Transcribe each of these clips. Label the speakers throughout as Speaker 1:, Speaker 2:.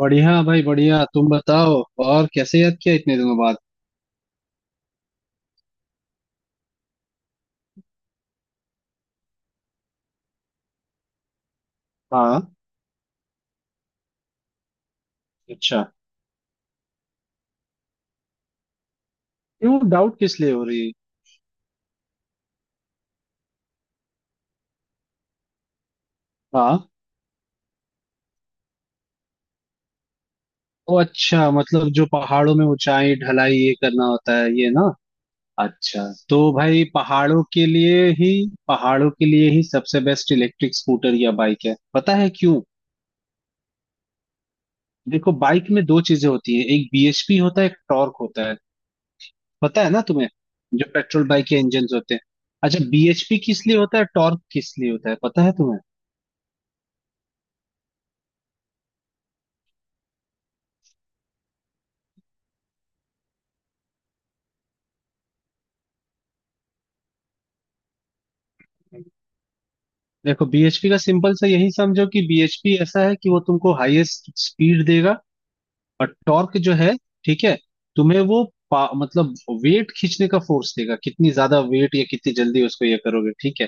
Speaker 1: बढ़िया भाई बढ़िया, तुम बताओ। और कैसे याद किया इतने दिनों बाद? हाँ। अच्छा। क्यों? डाउट किस लिए हो रही है? हाँ। ओ अच्छा, मतलब जो पहाड़ों में ऊंचाई ढलाई ये करना होता है ये ना? अच्छा। तो भाई पहाड़ों के लिए ही सबसे बेस्ट इलेक्ट्रिक स्कूटर या बाइक है, पता है क्यों? देखो, बाइक में दो चीजें होती है। एक BHP होता है, एक टॉर्क होता है। पता है ना तुम्हें? जो पेट्रोल बाइक के इंजन होते हैं। अच्छा, BHP किस लिए होता है, टॉर्क किस लिए होता है, पता है तुम्हें? देखो, बीएचपी का सिंपल सा यही समझो कि BHP ऐसा है कि वो तुमको हाईएस्ट स्पीड देगा। और टॉर्क जो है, ठीक है, तुम्हें वो मतलब वेट खींचने का फोर्स देगा, कितनी ज्यादा वेट या कितनी जल्दी उसको ये करोगे, ठीक है?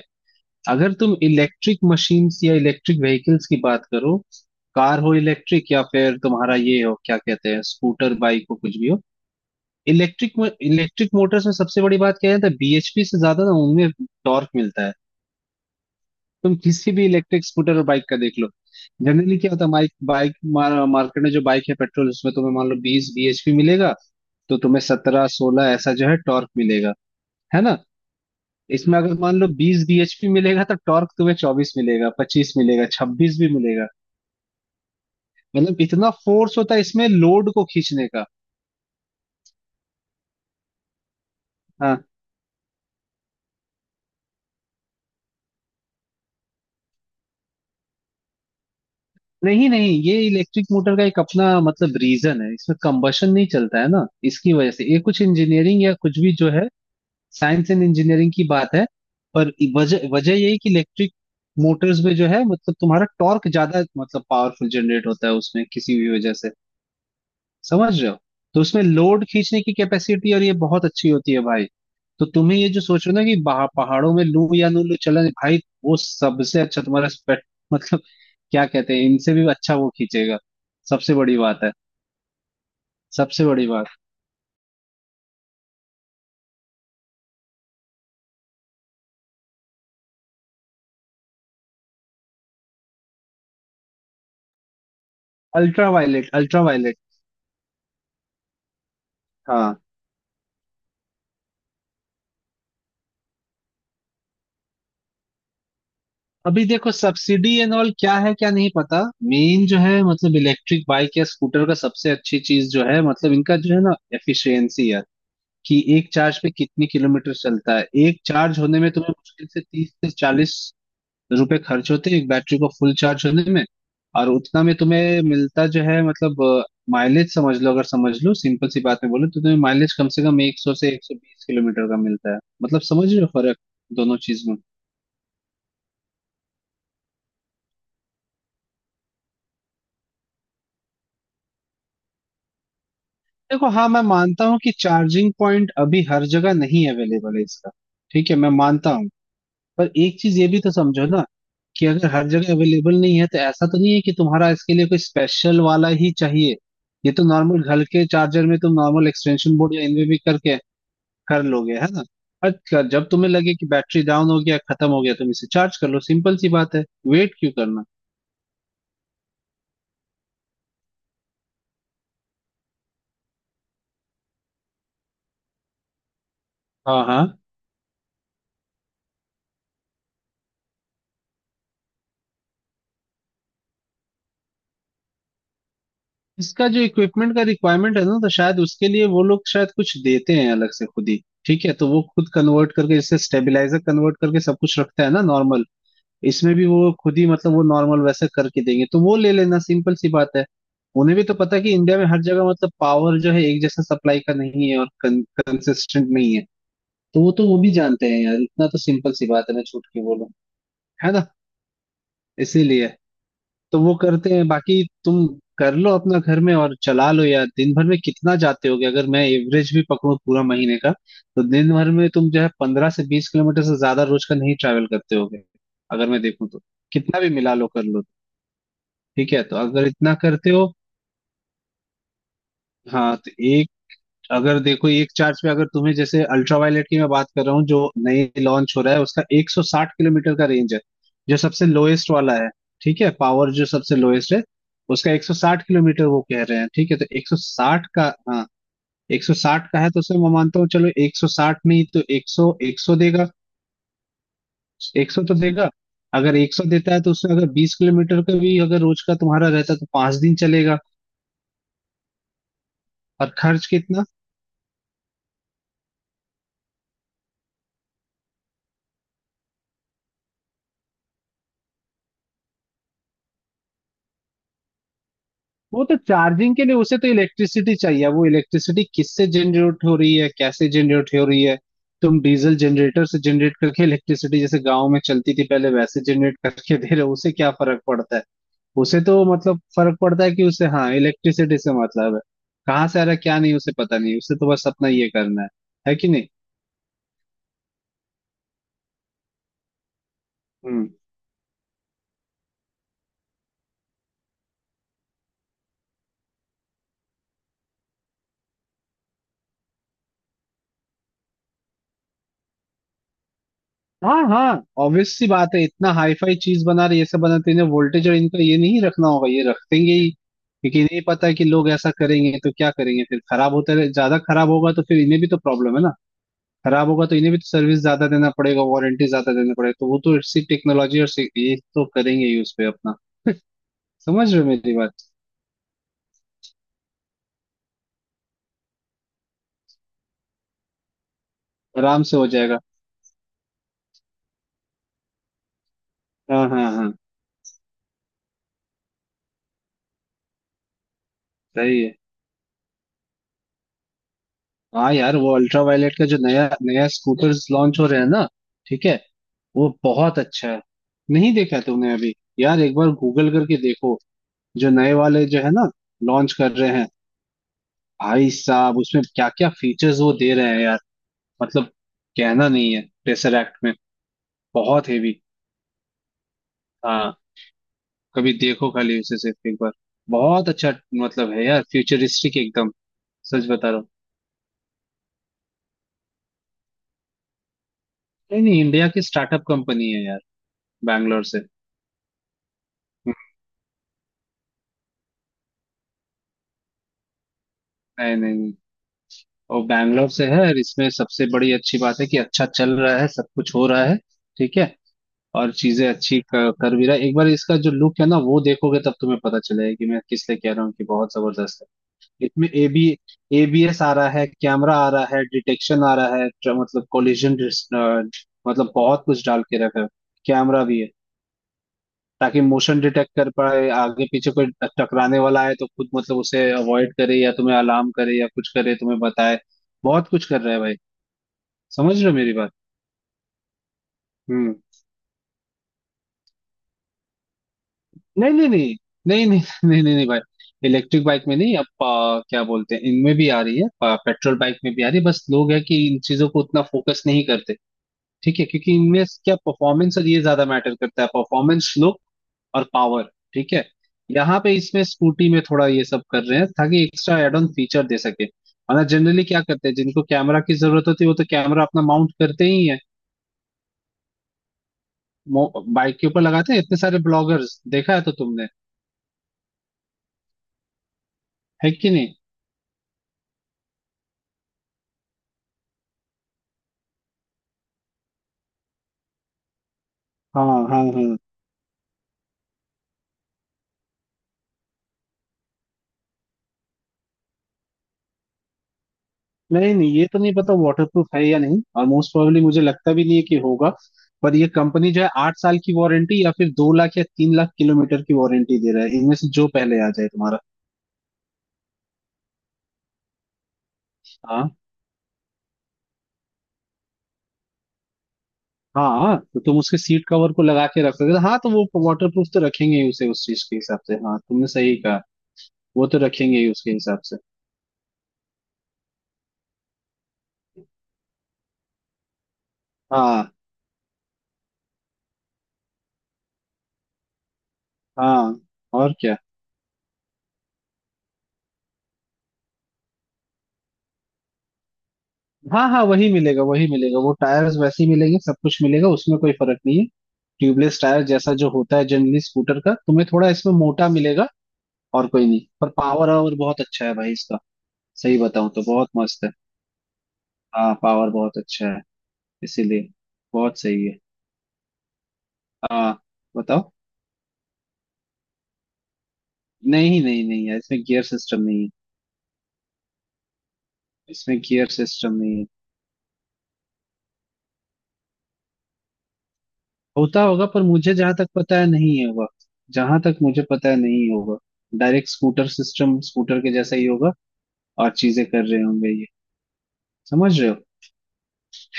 Speaker 1: अगर तुम इलेक्ट्रिक मशीन्स या इलेक्ट्रिक व्हीकल्स की बात करो, कार हो इलेक्ट्रिक या फिर तुम्हारा ये हो, क्या कहते हैं, स्कूटर बाइक हो कुछ भी हो। इलेक्ट्रिक इलेक्ट्रिक मोटर्स में सबसे बड़ी बात क्या है, बीएचपी से ज्यादा ना उनमें टॉर्क मिलता है। तुम किसी भी इलेक्ट्रिक स्कूटर और बाइक का देख लो। जनरली क्या होता है, हमारी बाइक मार्केट में जो बाइक है पेट्रोल, उसमें तुम्हें मान लो 20 BHP मिलेगा, तो तुम्हें 17, 16 ऐसा जो है टॉर्क मिलेगा, है ना? इसमें अगर मान लो बीस bhp मिलेगा तो टॉर्क तुम्हें 24 मिलेगा, 25 मिलेगा, 26 भी मिलेगा। मतलब इतना फोर्स होता है इसमें लोड को खींचने का। हाँ। नहीं नहीं, ये इलेक्ट्रिक मोटर का एक अपना मतलब रीजन है, इसमें कंबशन नहीं चलता है ना। इसकी वजह से ये कुछ इंजीनियरिंग या कुछ भी जो है, साइंस एंड इंजीनियरिंग की बात है। पर वजह वजह यही कि इलेक्ट्रिक मोटर्स में जो है मतलब तुम्हारा टॉर्क ज्यादा मतलब पावरफुल जनरेट होता है उसमें, किसी भी वजह से। समझ रहे हो? तो उसमें लोड खींचने की कैपेसिटी और ये बहुत अच्छी होती है भाई। तो तुम्हें ये जो सोच रहे हो ना कि बाहर पहाड़ों में लू या नू लू चलन भाई, वो सबसे अच्छा तुम्हारा स्पेक्ट मतलब, क्या कहते हैं, इनसे भी अच्छा वो खींचेगा। सबसे बड़ी बात है। सबसे बड़ी बात। Ultra violet, ultra violet. हाँ। अभी देखो सब्सिडी एंड ऑल क्या है क्या नहीं पता। मेन जो है मतलब इलेक्ट्रिक बाइक या स्कूटर का सबसे अच्छी चीज जो है मतलब इनका जो है ना, एफिशिएंसी यार। कि एक चार्ज पे कितनी किलोमीटर चलता है, एक चार्ज होने में तुम्हें मुश्किल से 30 से 40 रुपए खर्च होते हैं एक बैटरी को फुल चार्ज होने में। और उतना में तुम्हें मिलता जो है मतलब माइलेज समझ लो, अगर समझ लो सिंपल सी बात में बोलो तो तुम्हें माइलेज कम से कम 100 से 120 किलोमीटर का मिलता है, मतलब समझ रहे हो फर्क, दोनों चीज। देखो हाँ, मैं मानता हूँ कि चार्जिंग पॉइंट अभी हर जगह नहीं अवेलेबल है इसका। ठीक है, मैं मानता हूँ। पर एक चीज ये भी तो समझो ना कि अगर हर जगह अवेलेबल नहीं है तो ऐसा तो नहीं है कि तुम्हारा इसके लिए कोई स्पेशल वाला ही चाहिए। ये तो नॉर्मल घर के चार्जर में तुम नॉर्मल एक्सटेंशन बोर्ड या इनमें भी करके कर लोगे, है ना? और जब तुम्हें लगे कि बैटरी डाउन हो गया, खत्म हो गया, तुम इसे चार्ज कर लो, सिंपल सी बात है। वेट क्यों करना? हाँ हाँ, इसका जो इक्विपमेंट का रिक्वायरमेंट है ना, तो शायद उसके लिए वो लोग शायद कुछ देते हैं अलग से खुद ही। ठीक है, तो वो खुद कन्वर्ट करके, जैसे स्टेबलाइजर कन्वर्ट करके सब कुछ रखता है ना नॉर्मल, इसमें भी वो खुद ही मतलब वो नॉर्मल वैसे करके देंगे, तो वो ले लेना, सिंपल सी बात है। उन्हें भी तो पता है कि इंडिया में हर जगह मतलब पावर जो है एक जैसा सप्लाई का नहीं है और कंसिस्टेंट नहीं है। तो वो भी जानते हैं यार, इतना तो सिंपल सी बात है, मैं छूट के बोलूं। है ना? इसीलिए तो वो करते हैं, बाकी तुम कर लो अपना घर में और चला लो। यार दिन भर में कितना जाते होगे, अगर मैं एवरेज भी पकड़ूं पूरा महीने का, तो दिन भर में तुम जो है 15 से 20 किलोमीटर से ज्यादा रोज का नहीं ट्रैवल करते होगे, अगर मैं देखूं तो। कितना भी मिला लो, कर लो। ठीक है, तो अगर इतना करते हो। हाँ तो अगर देखो एक चार्ज पे, अगर तुम्हें जैसे अल्ट्रावायलेट की मैं बात कर रहा हूँ जो नई लॉन्च हो रहा है, उसका 160 किलोमीटर का रेंज है, जो सबसे लोएस्ट वाला है। ठीक है, पावर जो सबसे लोएस्ट है उसका 160 किलोमीटर वो कह रहे हैं, ठीक है तो 160 का। हाँ, 160 का है तो उसमें मैं मानता हूँ चलो 160 नहीं तो 100, 100 देगा। 100 तो देगा। अगर 100 देता है तो उसमें अगर 20 किलोमीटर का भी अगर रोज का तुम्हारा रहता है तो 5 दिन चलेगा। और खर्च कितना। वो तो चार्जिंग के लिए उसे तो इलेक्ट्रिसिटी चाहिए, वो इलेक्ट्रिसिटी किससे जनरेट हो रही है, कैसे जनरेट हो रही है। तुम डीजल जनरेटर से जनरेट करके इलेक्ट्रिसिटी, जैसे गांव में चलती थी पहले वैसे जनरेट करके दे रहे हो, उसे क्या फर्क पड़ता है? उसे तो मतलब फर्क पड़ता है कि उसे, हाँ, इलेक्ट्रिसिटी से मतलब है, कहाँ से आ रहा है क्या नहीं उसे पता नहीं, उसे तो बस अपना ये करना है। है कि नहीं? हम्म। हाँ हाँ, ऑब्वियस सी बात है, इतना हाई फाई चीज बना रही है ये, सब बना रही है वोल्टेज और इनका, ये नहीं रखना होगा, ये रख देंगे ही क्योंकि इन्हें पता है कि लोग ऐसा करेंगे तो क्या करेंगे, फिर खराब होता रहे, ज्यादा खराब होगा तो फिर इन्हें भी तो प्रॉब्लम है ना। खराब होगा तो इन्हें भी तो सर्विस ज्यादा देना पड़ेगा, वारंटी ज्यादा देना पड़ेगा, तो वो तो इसी टेक्नोलॉजी और ये तो करेंगे ही उस पे अपना। समझ रहे हो मेरी बात? आराम से हो जाएगा। हाँ हाँ हाँ। सही है। हाँ यार, वो अल्ट्रा वायलेट का जो नया नया स्कूटर्स लॉन्च हो रहे हैं ना, ठीक है, वो बहुत अच्छा है। नहीं देखा तुमने अभी? यार एक बार गूगल करके देखो, जो नए वाले जो है ना, लॉन्च कर रहे हैं। भाई साहब, उसमें क्या क्या फीचर्स वो दे रहे हैं यार, मतलब कहना नहीं है, टेसरैक्ट में बहुत हेवी। हाँ, कभी देखो खाली उसे सिर्फ एक बार। बहुत अच्छा। मतलब है यार, फ्यूचरिस्टिक एकदम। सच बता रहा हूँ। नहीं नहीं, इंडिया की स्टार्टअप कंपनी है यार, बैंगलोर से। हम्म। नहीं नहीं नहीं। और बैंगलोर से है, और इसमें सबसे बड़ी अच्छी बात है कि अच्छा चल रहा है, सब कुछ हो रहा है, ठीक है। और चीजें अच्छी कर भी रहा है, एक बार इसका जो लुक है ना वो देखोगे तब तुम्हें पता चलेगा कि मैं किस लिए कह रहा हूँ कि बहुत जबरदस्त है। इसमें ABS आ रहा है, कैमरा आ रहा है, डिटेक्शन आ रहा है, मतलब कोलिजन, मतलब बहुत कुछ डाल के रखा है। कैमरा भी है, ताकि मोशन डिटेक्ट कर पाए आगे पीछे कोई टकराने वाला है तो खुद मतलब उसे अवॉइड करे या तुम्हें अलार्म करे या कुछ करे, तुम्हें बताए। बहुत कुछ कर रहा है भाई। समझ रहे हो मेरी बात? हम्म। नहीं नहीं नहीं। नहीं नहीं नहीं नहीं नहीं भाई। इलेक्ट्रिक बाइक में नहीं, अब क्या बोलते हैं, इनमें भी आ रही है। पेट्रोल बाइक में भी आ रही है, बस लोग है कि इन चीजों को उतना फोकस नहीं करते, ठीक है, क्योंकि इनमें क्या परफॉर्मेंस और ये ज्यादा मैटर करता है, परफॉर्मेंस लुक और पावर, ठीक है। यहाँ पे इसमें स्कूटी में थोड़ा ये सब कर रहे हैं ताकि एक्स्ट्रा एड ऑन फीचर दे सके, वरना जनरली क्या करते हैं, जिनको कैमरा की जरूरत होती है वो तो कैमरा अपना माउंट करते ही है, बाइक के ऊपर लगाते हैं, इतने सारे ब्लॉगर्स देखा है तो तुमने। है कि नहीं? हाँ हाँ हाँ। नहीं नहीं, ये तो नहीं पता वाटरप्रूफ है या नहीं, और मोस्ट प्रोबेबली मुझे लगता भी नहीं है कि होगा। पर ये कंपनी जो है 8 साल की वारंटी या फिर 2 लाख या 3 लाख किलोमीटर की वारंटी दे रहा है, इनमें से जो पहले आ जाए तुम्हारा। हाँ हाँ, तो तुम उसके सीट कवर को लगा के रख सकते हो। हाँ तो वो वाटरप्रूफ तो रखेंगे ही उसे उस चीज के हिसाब से, हाँ तुमने सही कहा। वो तो रखेंगे ही उसके हिसाब से। हाँ हाँ। और क्या। हाँ हाँ, वही मिलेगा, वही मिलेगा, वो टायर्स वैसे ही मिलेंगे, सब कुछ मिलेगा, उसमें कोई फर्क नहीं है। ट्यूबलेस टायर जैसा जो होता है जनरली स्कूटर का, तुम्हें थोड़ा इसमें मोटा मिलेगा। और कोई नहीं, पर पावर और बहुत अच्छा है भाई इसका। सही बताऊं तो बहुत मस्त है। हाँ पावर बहुत अच्छा है। इसीलिए। बहुत सही है। हाँ बताओ। नहीं नहीं नहीं यार, इसमें गियर सिस्टम नहीं है। इसमें गियर सिस्टम नहीं है। होता होगा पर मुझे जहां तक पता है नहीं होगा। जहां तक मुझे पता है नहीं होगा। डायरेक्ट स्कूटर सिस्टम, स्कूटर के जैसा ही होगा। और चीजें कर रहे होंगे ये। समझ रहे हो?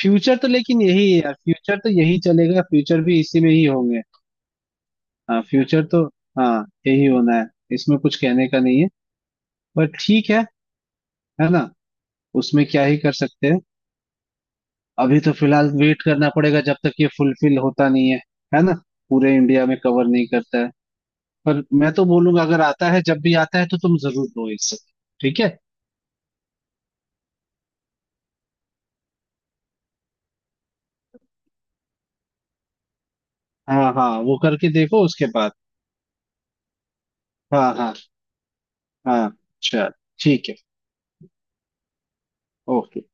Speaker 1: फ्यूचर तो लेकिन यही है यार, फ्यूचर तो यही चलेगा, फ्यूचर भी इसी में ही होंगे। हाँ फ्यूचर तो। हाँ यही होना है। इसमें कुछ कहने का नहीं है। पर ठीक है। है ना? उसमें क्या ही कर सकते हैं। अभी तो फिलहाल वेट करना पड़ेगा जब तक ये फुलफिल होता नहीं है। है ना? पूरे इंडिया में कवर नहीं करता है। पर मैं तो बोलूंगा अगर आता है जब भी आता है तो तुम जरूर लो इससे। ठीक है। हाँ हाँ, वो करके देखो उसके बाद। हाँ हाँ हाँ। चल। ठीक है। ओके।